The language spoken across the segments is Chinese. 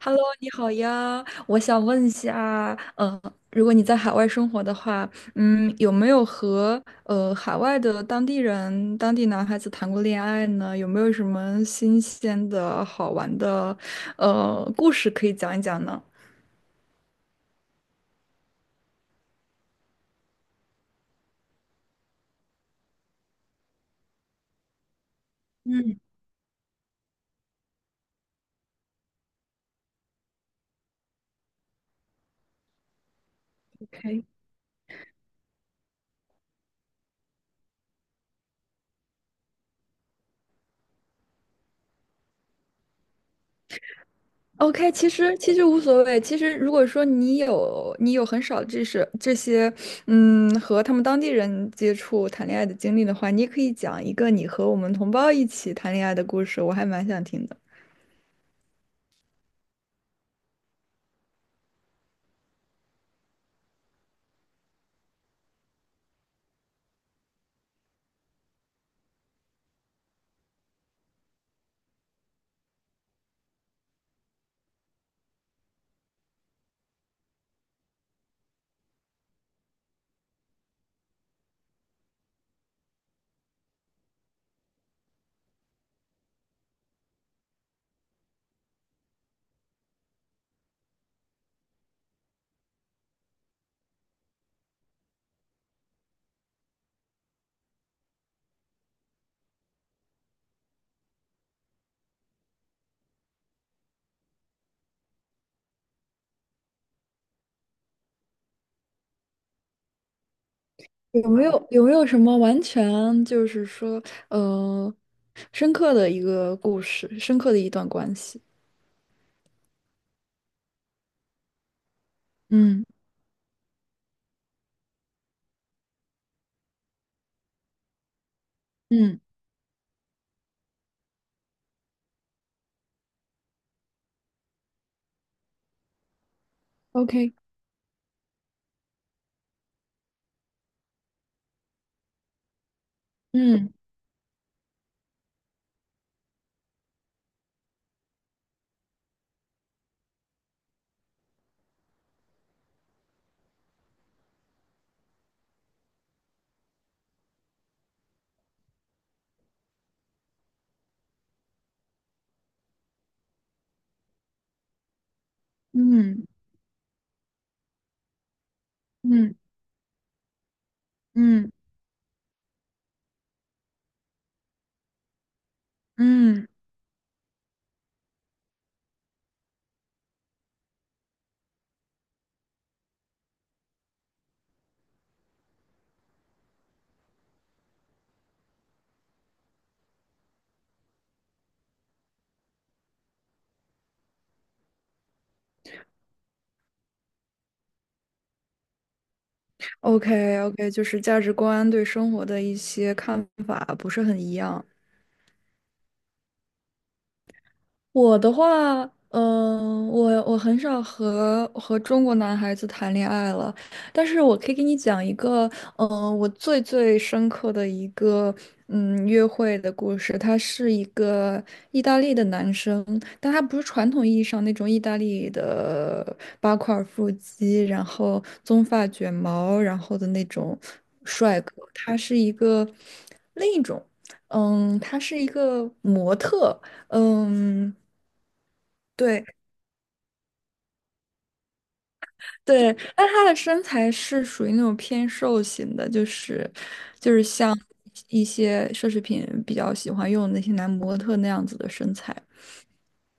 Hello，你好呀，我想问一下，如果你在海外生活的话，有没有和海外的当地人、当地男孩子谈过恋爱呢？有没有什么新鲜的好玩的故事可以讲一讲呢？嗯，OK，OK，其实无所谓。其实如果说你有你有很少这是这些，嗯，和他们当地人接触谈恋爱的经历的话，你也可以讲一个你和我们同胞一起谈恋爱的故事，我还蛮想听的。有没有什么完全就是说，呃，深刻的一个故事，深刻的一段关系？嗯嗯，OK。嗯嗯嗯嗯嗯。OK， OK，就是价值观对生活的一些看法不是很一样。我的话，嗯、我很少和中国男孩子谈恋爱了，但是我可以给你讲一个，嗯、我最深刻的一个，嗯，约会的故事。他是一个意大利的男生，但他不是传统意义上那种意大利的八块腹肌，然后棕发卷毛，然后的那种帅哥。他是一个另一种，嗯，他是一个模特。嗯，对对，但她的身材是属于那种偏瘦型的，就是像一些奢侈品比较喜欢用的那些男模特那样子的身材。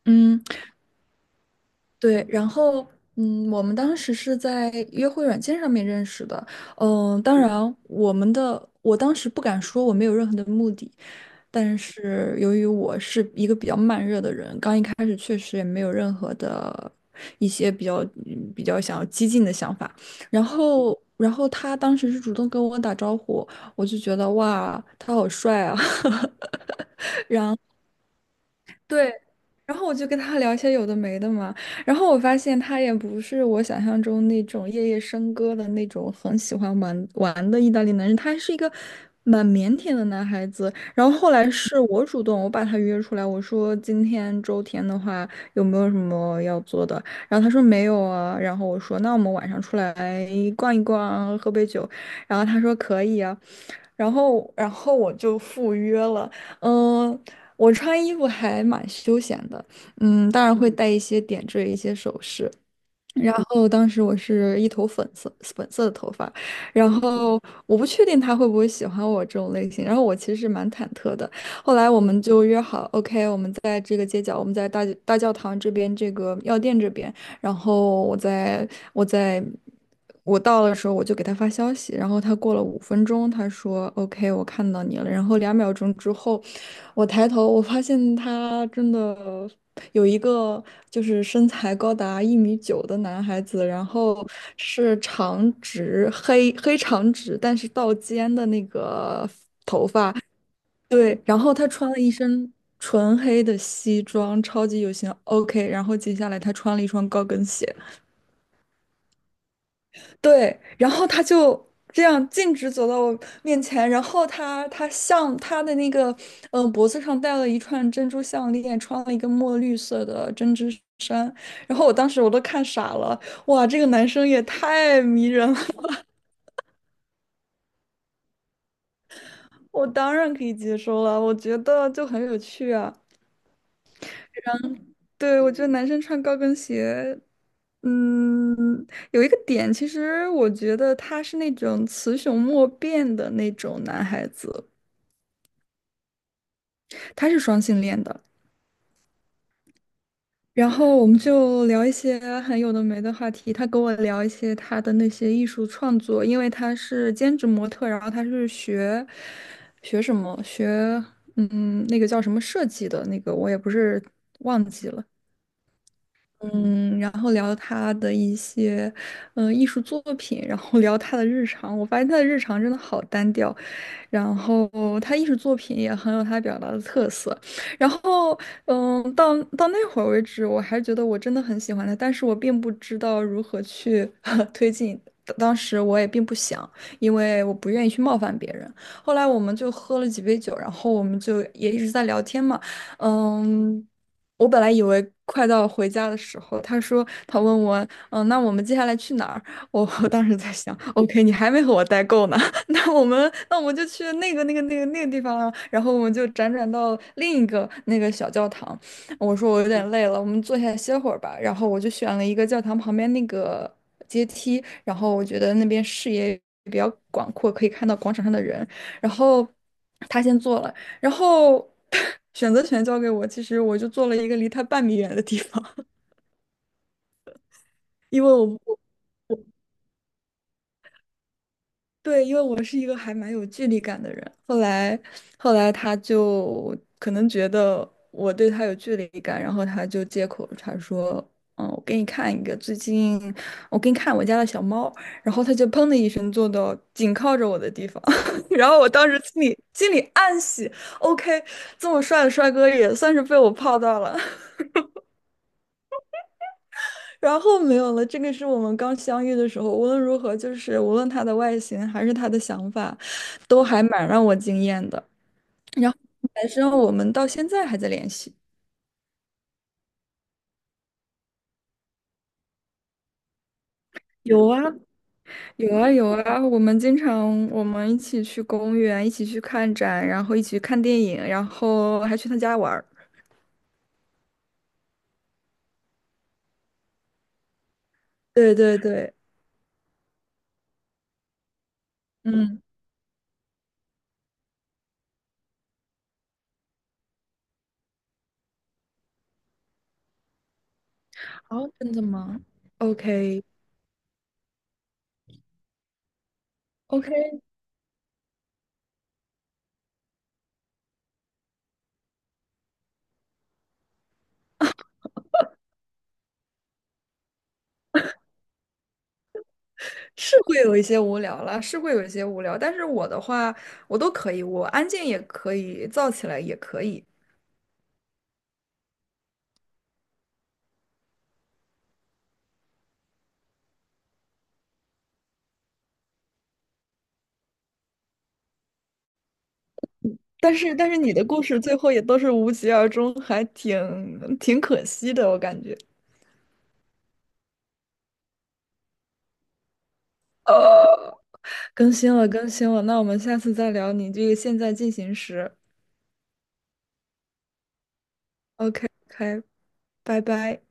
嗯，对，然后嗯，我们当时是在约会软件上面认识的，嗯，当然我们的我当时不敢说我没有任何的目的，但是由于我是一个比较慢热的人，刚一开始确实也没有任何的一些比较比较想要激进的想法，然后他当时是主动跟我打招呼，我就觉得哇，他好帅啊。对，然后我就跟他聊一些有的没的嘛，然后我发现他也不是我想象中那种夜夜笙歌的那种很喜欢玩玩的意大利男人，他是一个蛮腼腆的男孩子。然后后来是我主动，我把他约出来，我说今天周天的话有没有什么要做的？然后他说没有啊，然后我说那我们晚上出来逛一逛，喝杯酒，然后他说可以啊，然后我就赴约了。嗯，我穿衣服还蛮休闲的，嗯，当然会带一些点缀、一些首饰。然后当时我是一头粉色的头发，然后我不确定他会不会喜欢我这种类型，然后我其实蛮忐忑的。后来我们就约好，OK，我们在这个街角，我们在大教堂这边这个药店这边。然后我在我到的时候，我就给他发消息，然后他过了五分钟，他说 "OK，我看到你了。"然后两秒钟之后，我抬头，我发现他真的有一个就是身材高达一米九的男孩子，然后是长直，但是到肩的那个对，然后他穿了一身纯黑的西装，超级有型。OK，然后接下来他穿了一双高跟鞋。对，然后他就这样径直走到我面前，然后他的那个脖子上戴了一串珍珠项链，穿了一个墨绿色的针织衫，然后我当时我都看傻了，哇，这个男生也太迷人了，我当然可以接受了，我觉得就很有趣啊。对，我觉得男生穿高跟鞋，嗯，有一个点，其实我觉得他是那种雌雄莫辨的那种男孩子。他是双性恋的。然后我们就聊一些很有的没的话题。他跟我聊一些他的那些艺术创作，因为他是兼职模特，然后他是学学什么学那个叫什么设计的那个，我也不是忘记了。嗯，然后聊他的一些艺术作品，然后聊他的日常。我发现他的日常真的好单调。然后他艺术作品也很有他表达的特色。然后，嗯，到那会儿为止，我还觉得我真的很喜欢他，但是我并不知道如何去 推进。当时我也并不想，因为我不愿意去冒犯别人。后来我们就喝了几杯酒，然后我们就也一直在聊天嘛。嗯，我本来以为快到回家的时候，他问我，嗯，那我们接下来去哪儿？我 我当时在想，OK，你还没和我待够呢。那我们就去那个地方了，然后我们就辗转到另一个那个小教堂。我说我有点累了，我们坐下来歇会儿吧。然后我就选了一个教堂旁边那个阶梯，然后我觉得那边视野比较广阔，可以看到广场上的人。然后他先坐了，然后 选择权交给我，其实我就坐了一个离他半米远的地方，因为我。对，因为我是一个还蛮有距离感的人，后来他就可能觉得我对他有距离感，然后他就借口他说，嗯，我给你看我家的小猫，然后他就砰的一声坐到紧靠着我的地方，然后我当时心里暗喜，OK，这么帅的帅哥也算是被我泡到了。然后没有了，这个是我们刚相遇的时候，无论如何，就是无论他的外形还是他的想法，都还蛮让我惊艳的。然后男生我们到现在还在联系。有啊，有啊，有啊！我们一起去公园，一起去看展，然后一起去看电影，然后还去他家玩儿。对对对，嗯，好，真的吗？OK，OK，是会有一些无聊啦，是会有一些无聊，但是我的话，我都可以，我安静也可以，燥起来也可以。但是你的故事最后也都是无疾而终，还挺可惜的，我感觉。呃，更新了，更新了，那我们下次再聊你这个现在进行时。OK，OK，拜拜。